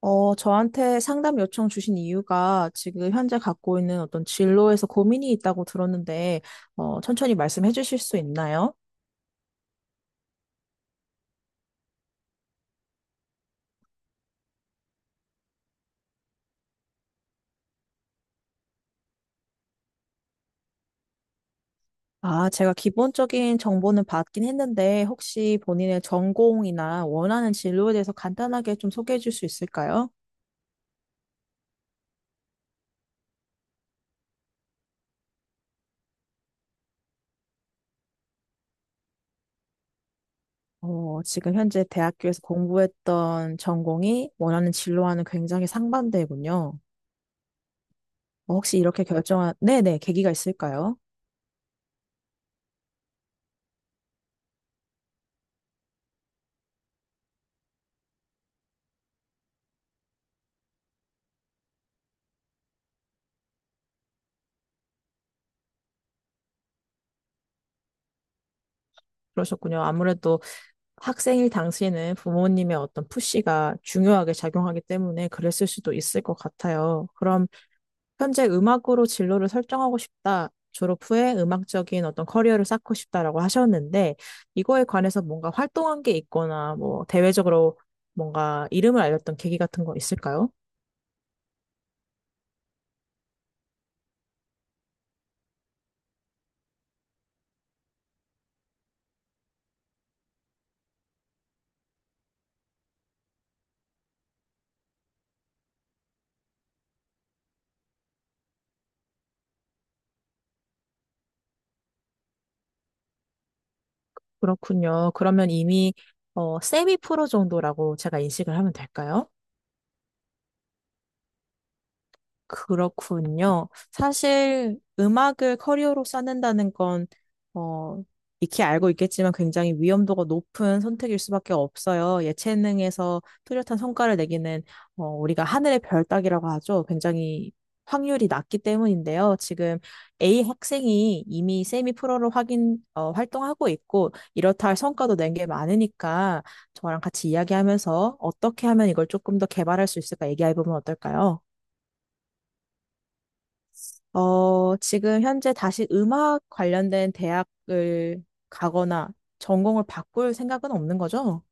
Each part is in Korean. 저한테 상담 요청 주신 이유가 지금 현재 갖고 있는 어떤 진로에서 고민이 있다고 들었는데, 천천히 말씀해 주실 수 있나요? 아, 제가 기본적인 정보는 받긴 했는데, 혹시 본인의 전공이나 원하는 진로에 대해서 간단하게 좀 소개해 줄 수 있을까요? 지금 현재 대학교에서 공부했던 전공이 원하는 진로와는 굉장히 상반되군요. 혹시 이렇게 결정한, 네네, 계기가 있을까요? 그러셨군요. 아무래도 학생일 당시에는 부모님의 어떤 푸시가 중요하게 작용하기 때문에 그랬을 수도 있을 것 같아요. 그럼 현재 음악으로 진로를 설정하고 싶다. 졸업 후에 음악적인 어떤 커리어를 쌓고 싶다라고 하셨는데, 이거에 관해서 뭔가 활동한 게 있거나, 뭐, 대외적으로 뭔가 이름을 알렸던 계기 같은 거 있을까요? 그렇군요. 그러면 이미 세미 프로 정도라고 제가 인식을 하면 될까요? 그렇군요. 사실 음악을 커리어로 쌓는다는 건, 어, 익히 알고 있겠지만 굉장히 위험도가 높은 선택일 수밖에 없어요. 예체능에서 뚜렷한 성과를 내기는, 우리가 하늘의 별 따기라고 하죠. 굉장히 확률이 낮기 때문인데요. 지금 A 학생이 이미 세미 프로로 활동하고 있고, 이렇다 할 성과도 낸 게 많으니까 저랑 같이 이야기하면서 어떻게 하면 이걸 조금 더 개발할 수 있을까 얘기해 보면 어떨까요? 지금 현재 다시 음악 관련된 대학을 가거나 전공을 바꿀 생각은 없는 거죠?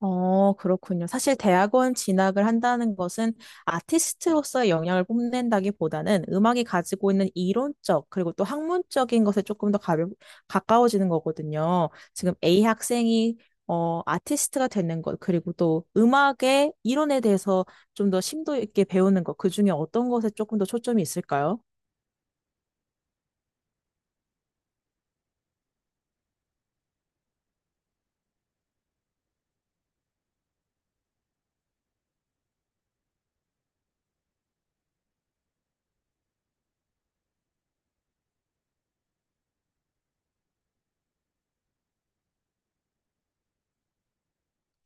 그렇군요. 사실 대학원 진학을 한다는 것은 아티스트로서의 영향을 뽐낸다기보다는 음악이 가지고 있는 이론적 그리고 또 학문적인 것에 조금 더 가까워지는 거거든요. 지금 A 학생이 아티스트가 되는 것, 그리고 또 음악의 이론에 대해서 좀 더 심도 있게 배우는 것, 그 중에 어떤 것에 조금 더 초점이 있을까요?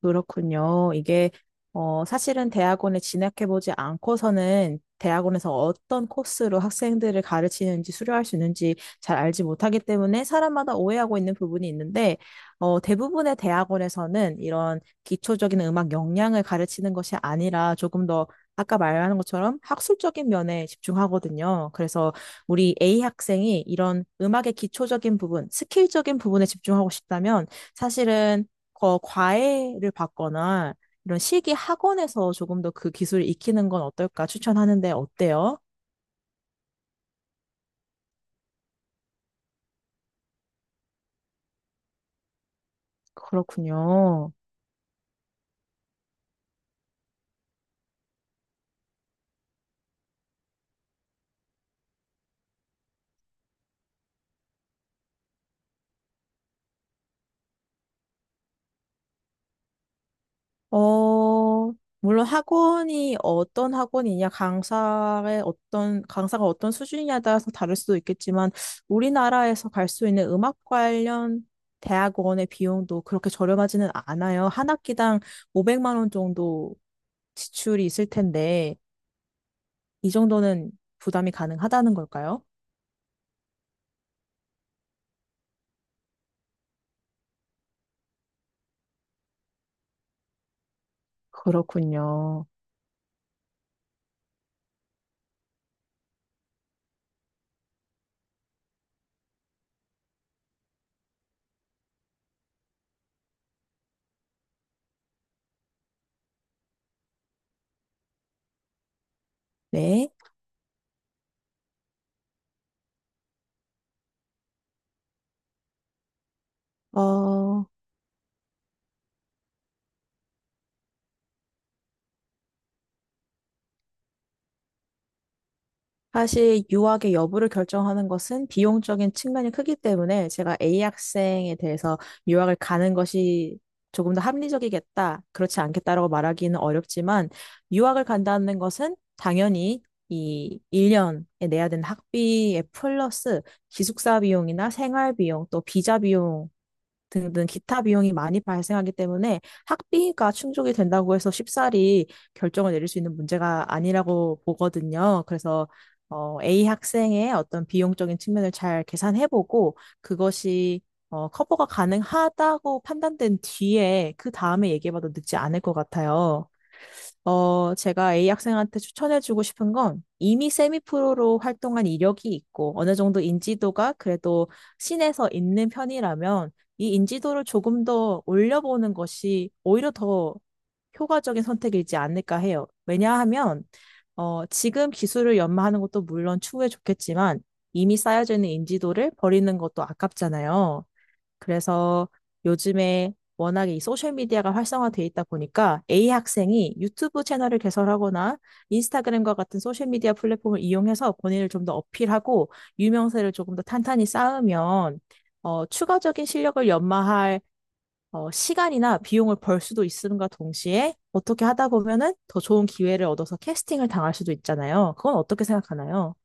그렇군요. 이게, 사실은 대학원에 진학해보지 않고서는 대학원에서 어떤 코스로 학생들을 가르치는지 수료할 수 있는지 잘 알지 못하기 때문에 사람마다 오해하고 있는 부분이 있는데, 대부분의 대학원에서는 이런 기초적인 음악 역량을 가르치는 것이 아니라 조금 더 아까 말하는 것처럼 학술적인 면에 집중하거든요. 그래서 우리 A 학생이 이런 음악의 기초적인 부분, 스킬적인 부분에 집중하고 싶다면 사실은 거 과외를 받거나 이런 실기 학원에서 조금 더 그 기술을 익히는 건 어떨까 추천하는데 어때요? 그렇군요. 어, 물론 학원이 어떤 학원이냐, 강사의 어떤, 강사가 어떤 수준이냐에 따라서 다를 수도 있겠지만, 우리나라에서 갈 수 있는 음악 관련 대학원의 비용도 그렇게 저렴하지는 않아요. 한 학기당 500만 원 정도 지출이 있을 텐데, 이 정도는 부담이 가능하다는 걸까요? 그렇군요. 네. 어, 사실 유학의 여부를 결정하는 것은 비용적인 측면이 크기 때문에 제가 A 학생에 대해서 유학을 가는 것이 조금 더 합리적이겠다, 그렇지 않겠다라고 말하기는 어렵지만 유학을 간다는 것은 당연히 이 1년에 내야 되는 학비에 플러스 기숙사 비용이나 생활 비용, 또 비자 비용 등등 기타 비용이 많이 발생하기 때문에 학비가 충족이 된다고 해서 쉽사리 결정을 내릴 수 있는 문제가 아니라고 보거든요. 그래서 A 학생의 어떤 비용적인 측면을 잘 계산해보고 그것이 커버가 가능하다고 판단된 뒤에 그 다음에 얘기해봐도 늦지 않을 것 같아요. 제가 A 학생한테 추천해주고 싶은 건 이미 세미 프로로 활동한 이력이 있고 어느 정도 인지도가 그래도 신에서 있는 편이라면 이 인지도를 조금 더 올려보는 것이 오히려 더 효과적인 선택이지 않을까 해요. 왜냐하면 지금 기술을 연마하는 것도 물론 추후에 좋겠지만 이미 쌓여져 있는 인지도를 버리는 것도 아깝잖아요. 그래서 요즘에 워낙에 이 소셜미디어가 활성화돼 있다 보니까 A 학생이 유튜브 채널을 개설하거나 인스타그램과 같은 소셜미디어 플랫폼을 이용해서 본인을 좀 더 어필하고 유명세를 조금 더 탄탄히 쌓으면 추가적인 실력을 연마할 시간이나 비용을 벌 수도 있음과 동시에 어떻게 하다 보면은 더 좋은 기회를 얻어서 캐스팅을 당할 수도 있잖아요. 그건 어떻게 생각하나요?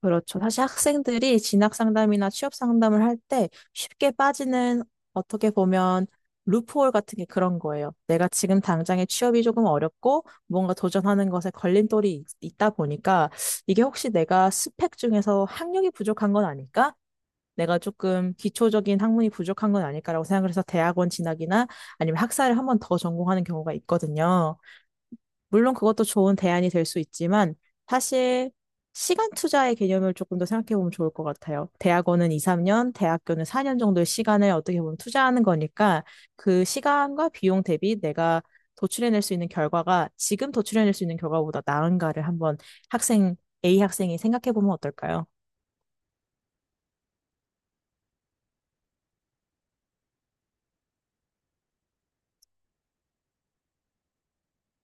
그렇죠. 사실 학생들이 진학 상담이나 취업 상담을 할 때 쉽게 빠지는 어떻게 보면 루프홀 같은 게 그런 거예요. 내가 지금 당장의 취업이 조금 어렵고 뭔가 도전하는 것에 걸림돌이 있다 보니까 이게 혹시 내가 스펙 중에서 학력이 부족한 건 아닐까? 내가 조금 기초적인 학문이 부족한 건 아닐까라고 생각을 해서 대학원 진학이나 아니면 학사를 한번 더 전공하는 경우가 있거든요. 물론 그것도 좋은 대안이 될 수 있지만 사실 시간 투자의 개념을 조금 더 생각해 보면 좋을 것 같아요. 대학원은 2, 3년, 대학교는 4년 정도의 시간을 어떻게 보면 투자하는 거니까 그 시간과 비용 대비 내가 도출해낼 수 있는 결과가 지금 도출해낼 수 있는 결과보다 나은가를 한번 학생, A 학생이 생각해 보면 어떨까요?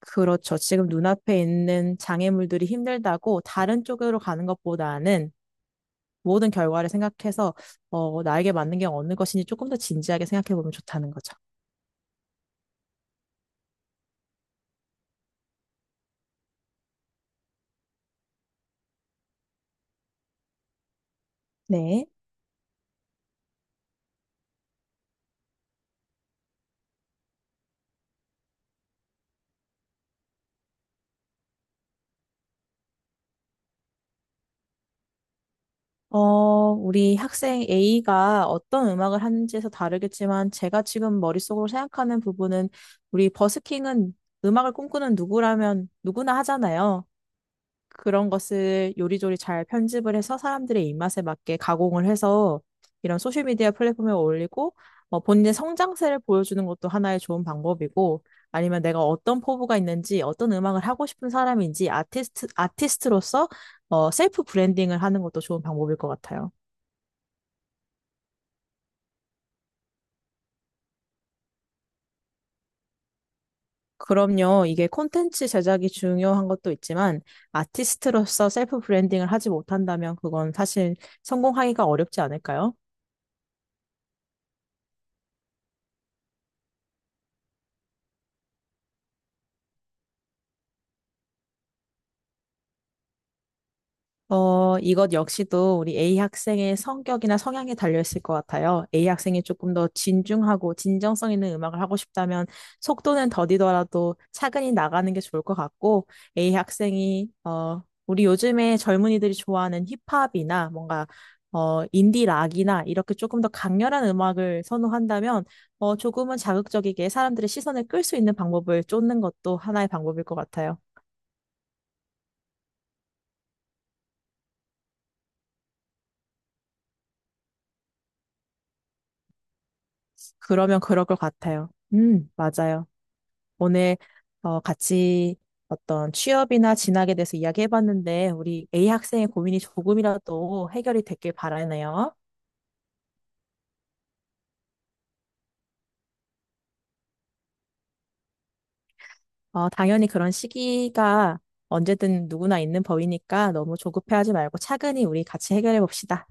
그렇죠. 지금 눈앞에 있는 장애물들이 힘들다고 다른 쪽으로 가는 것보다는 모든 결과를 생각해서 나에게 맞는 게 어느 것인지 조금 더 진지하게 생각해 보면 좋다는 거죠. 네. 어, 우리 학생 A가 어떤 음악을 하는지에서 다르겠지만 제가 지금 머릿속으로 생각하는 부분은 우리 버스킹은 음악을 꿈꾸는 누구라면 누구나 하잖아요. 그런 것을 요리조리 잘 편집을 해서 사람들의 입맛에 맞게 가공을 해서 이런 소셜미디어 플랫폼에 올리고 본인의 성장세를 보여주는 것도 하나의 좋은 방법이고 아니면 내가 어떤 포부가 있는지 어떤 음악을 하고 싶은 사람인지 아티스트로서 셀프 브랜딩을 하는 것도 좋은 방법일 것 같아요. 그럼요. 이게 콘텐츠 제작이 중요한 것도 있지만 아티스트로서 셀프 브랜딩을 하지 못한다면 그건 사실 성공하기가 어렵지 않을까요? 이것 역시도 우리 A 학생의 성격이나 성향에 달려있을 것 같아요. A 학생이 조금 더 진중하고 진정성 있는 음악을 하고 싶다면 속도는 더디더라도 차근히 나가는 게 좋을 것 같고, A 학생이, 우리 요즘에 젊은이들이 좋아하는 힙합이나 뭔가, 인디 락이나 이렇게 조금 더 강렬한 음악을 선호한다면, 조금은 자극적이게 사람들의 시선을 끌 수 있는 방법을 쫓는 것도 하나의 방법일 것 같아요. 그러면 그럴 것 같아요. 맞아요. 오늘 같이 어떤 취업이나 진학에 대해서 이야기해봤는데 우리 A 학생의 고민이 조금이라도 해결이 됐길 바라네요. 당연히 그런 시기가 언제든 누구나 있는 법이니까 너무 조급해하지 말고 차근히 우리 같이 해결해 봅시다.